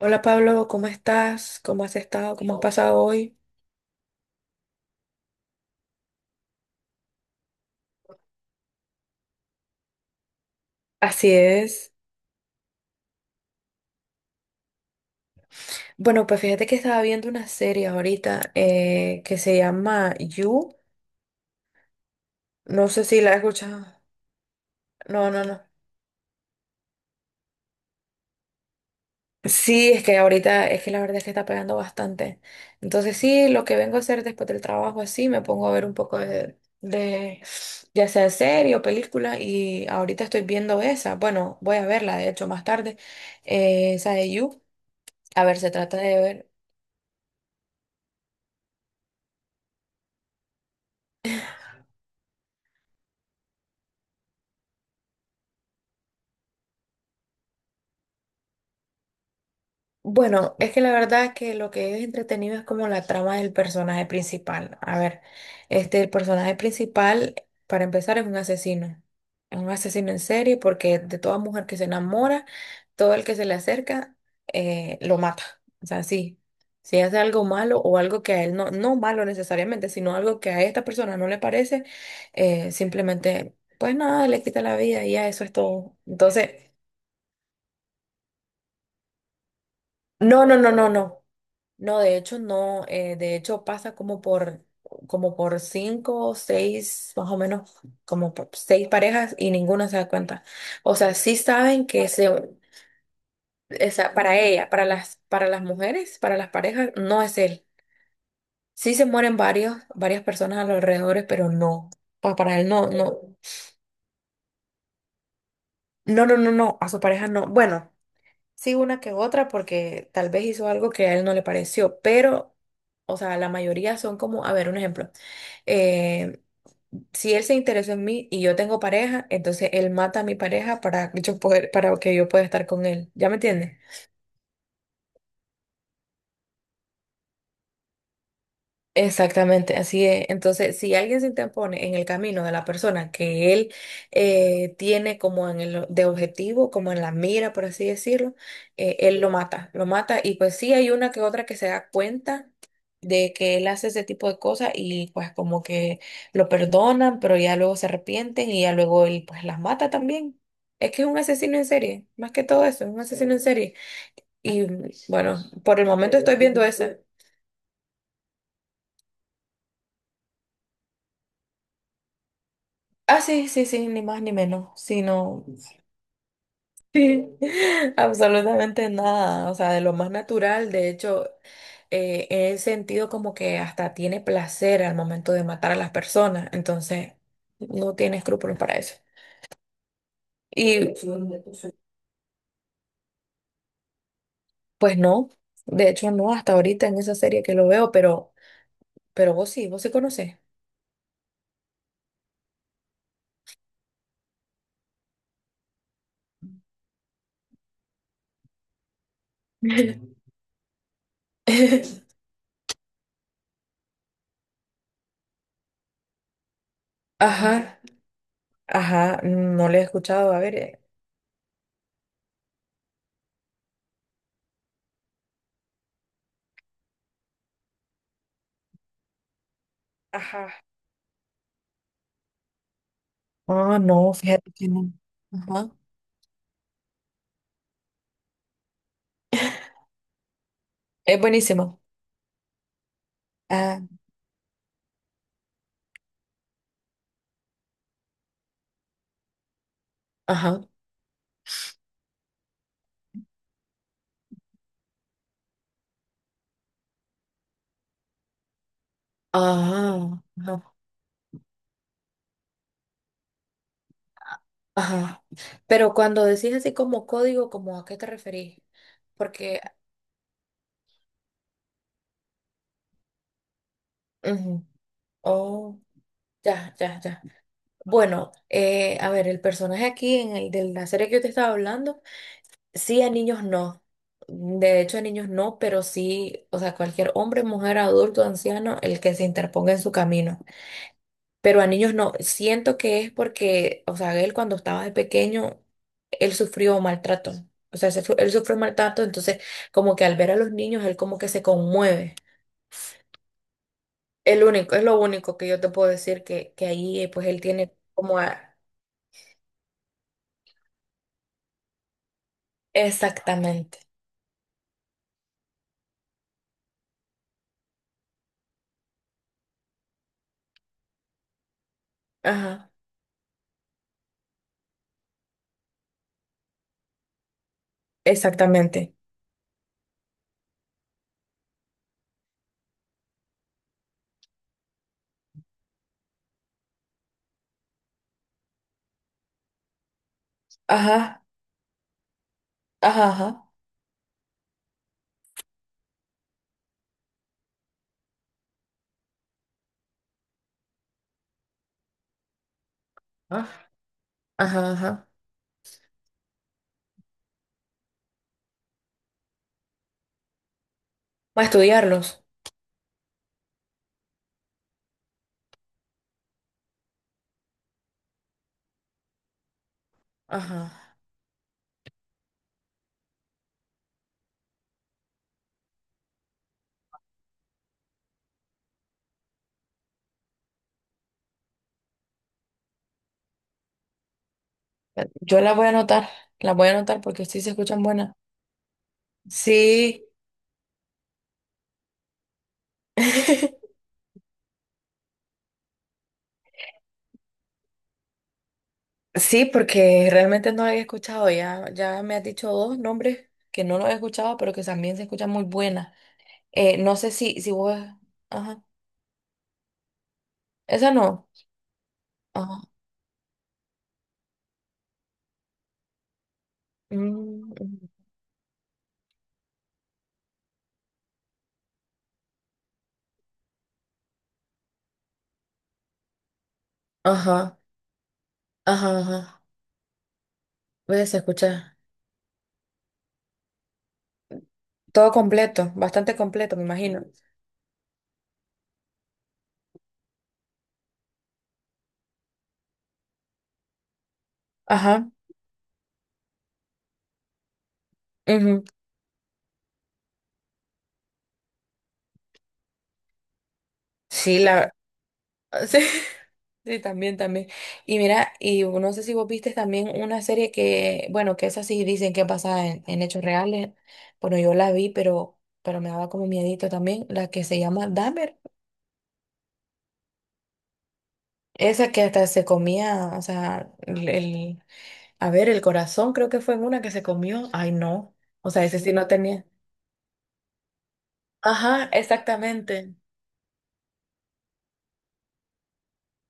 Hola Pablo, ¿cómo estás? ¿Cómo has estado? ¿Cómo has pasado hoy? Así es. Bueno, pues fíjate que estaba viendo una serie ahorita que se llama You. No sé si la has escuchado. No, no, no. Sí, es que ahorita es que la verdad es que está pegando bastante. Entonces sí, lo que vengo a hacer después del trabajo así, me pongo a ver un poco de ya sea serie o película y ahorita estoy viendo esa. Bueno, voy a verla de hecho más tarde, esa de You. A ver, se trata de ver. Bueno, es que la verdad es que lo que es entretenido es como la trama del personaje principal. A ver, el personaje principal, para empezar, es un asesino. Es un asesino en serie porque de toda mujer que se enamora, todo el que se le acerca, lo mata. O sea, sí, si hace algo malo o algo que a él no, no malo necesariamente, sino algo que a esta persona no le parece, simplemente, pues nada, le quita la vida y ya eso es todo. Entonces, no, no, no, no, no. No, de hecho no, de hecho pasa como como por cinco o seis, más o menos, como por seis parejas y ninguna se da cuenta. O sea, sí saben que se, para ella, para las mujeres, para las parejas, no es él. Sí se mueren varios, varias personas a los alrededores, pero no, para él no, no, no, no, no, no, a su pareja no. Bueno, sí una que otra porque tal vez hizo algo que a él no le pareció, pero, o sea, la mayoría son como, a ver, un ejemplo. eh, si él se interesó en mí y yo tengo pareja, entonces él mata a mi pareja para que yo poder, para que yo pueda estar con él. ¿Ya me entiendes? Exactamente, así es. Entonces, si alguien se interpone en el camino de la persona que él tiene como en el, de objetivo, como en la mira, por así decirlo, él lo mata, lo mata. Y pues sí hay una que otra que se da cuenta de que él hace ese tipo de cosas y pues como que lo perdonan, pero ya luego se arrepienten y ya luego él pues las mata también. Es que es un asesino en serie, más que todo eso, es un asesino en serie. Y bueno, por el momento estoy viendo esa. Ah, sí, sí, sí, ni más ni menos, sino sí, absolutamente nada, o sea, de lo más natural, de hecho, en el sentido como que hasta tiene placer al momento de matar a las personas, entonces no tiene escrúpulos para eso. Y pues no, de hecho no, hasta ahorita en esa serie que lo veo, pero vos sí conocés. Ajá, ajá, no le he escuchado, a ver, ajá. Ah, no, fíjate que no. Ajá. Es buenísimo. Ah, ajá, ah ajá, no, ajá. Pero cuando decís así como código, ¿como a qué te referís? Porque, ujú, oh, ya, ya, ya. Bueno, a ver, el personaje aquí en el de la serie que yo te estaba hablando, sí a niños no. De hecho, a niños no, pero sí, o sea, cualquier hombre, mujer, adulto, anciano, el que se interponga en su camino. Pero a niños no. Siento que es porque, o sea, él cuando estaba de pequeño, él sufrió maltrato. O sea, él sufrió maltrato, entonces como que al ver a los niños, él como que se conmueve. El único, es lo único que yo te puedo decir que ahí pues él tiene como... Exactamente. Ajá. Exactamente. Ajá. Ajá, ajá. Ah, ajá, ajá. Para estudiarlos. Ajá. Yo las voy a anotar, las voy a anotar porque sí se escuchan buenas. Sí. Sí, porque realmente no la había escuchado. Ya, ya me has dicho dos nombres que no los he escuchado, pero que también se escuchan muy buenas. No sé si, si vos. Ajá. Esa no. Ajá. Mm, mm. Ajá. Ajá. Ajá. Voy a escuchar. Todo completo, bastante completo, me imagino. Ajá. Ujú. Sí, la. Sí. Sí, también, también. Y mira, y no sé si vos viste también una serie que, bueno, que esa sí dicen que pasa en hechos reales. Bueno, yo la vi, pero me daba como miedito también, la que se llama Dahmer. Esa que hasta se comía, o sea, a ver, el corazón creo que fue en una que se comió. Ay, no. O sea, ese sí no tenía. Ajá, exactamente.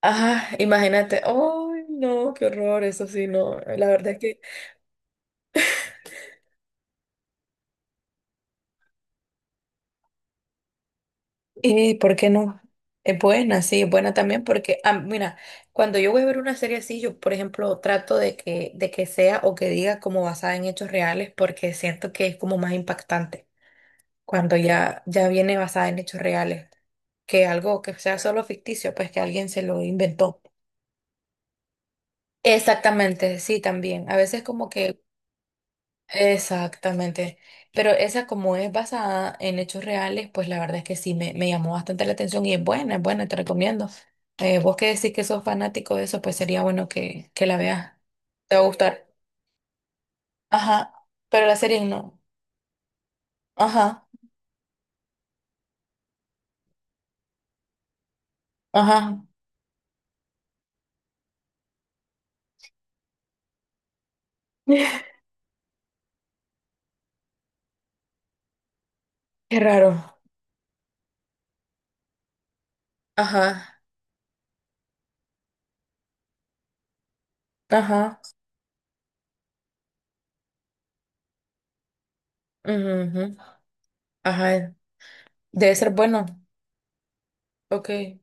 Ajá, imagínate. Ay, no, qué horror, eso sí, no. La verdad es que... ¿Y por qué no? Es buena, sí, es buena también porque, ah, mira, cuando yo voy a ver una serie así, yo, por ejemplo, trato de que sea o que diga como basada en hechos reales porque siento que es como más impactante cuando ya, ya viene basada en hechos reales que algo que sea solo ficticio, pues que alguien se lo inventó. Exactamente, sí, también. A veces como que exactamente. Pero esa como es basada en hechos reales, pues la verdad es que sí me llamó bastante la atención y es buena, te recomiendo. Vos que decís que sos fanático de eso, pues sería bueno que la veas. Te va a gustar. Ajá. Pero la serie no. Ajá. Ajá. Qué raro. Ajá. Ajá. Ujú, ajá. Debe ser bueno. Ok.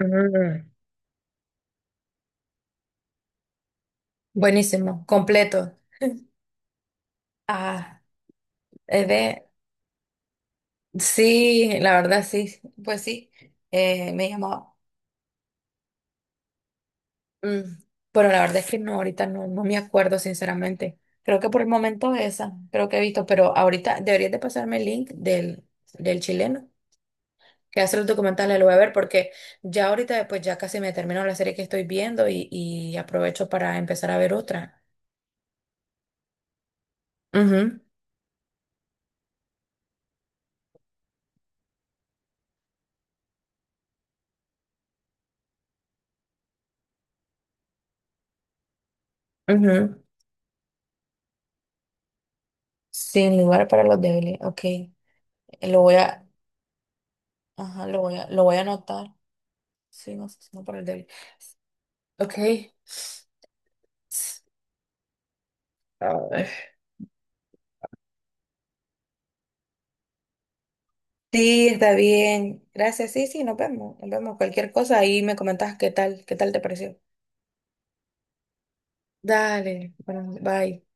Ujú. Buenísimo. Completo. Ah, es de sí, la verdad sí, pues sí, me llamaba. Mm, pero la verdad es que no, ahorita no, no me acuerdo, sinceramente. Creo que por el momento esa, creo que he visto, pero ahorita deberías de pasarme el link del, del chileno que hace los documentales, lo voy a ver porque ya ahorita pues ya casi me termino la serie que estoy viendo y aprovecho para empezar a ver otra. Ujú, ujú. Sin lugar para los débiles, ok. Lo voy a, ajá, lo voy a anotar. Sí, no sé si no para el débil. Ok. Sí, está bien. Gracias. Sí, sí, nos vemos. Nos vemos. Cualquier cosa ahí me comentas qué tal te pareció. Dale. Bueno, bye.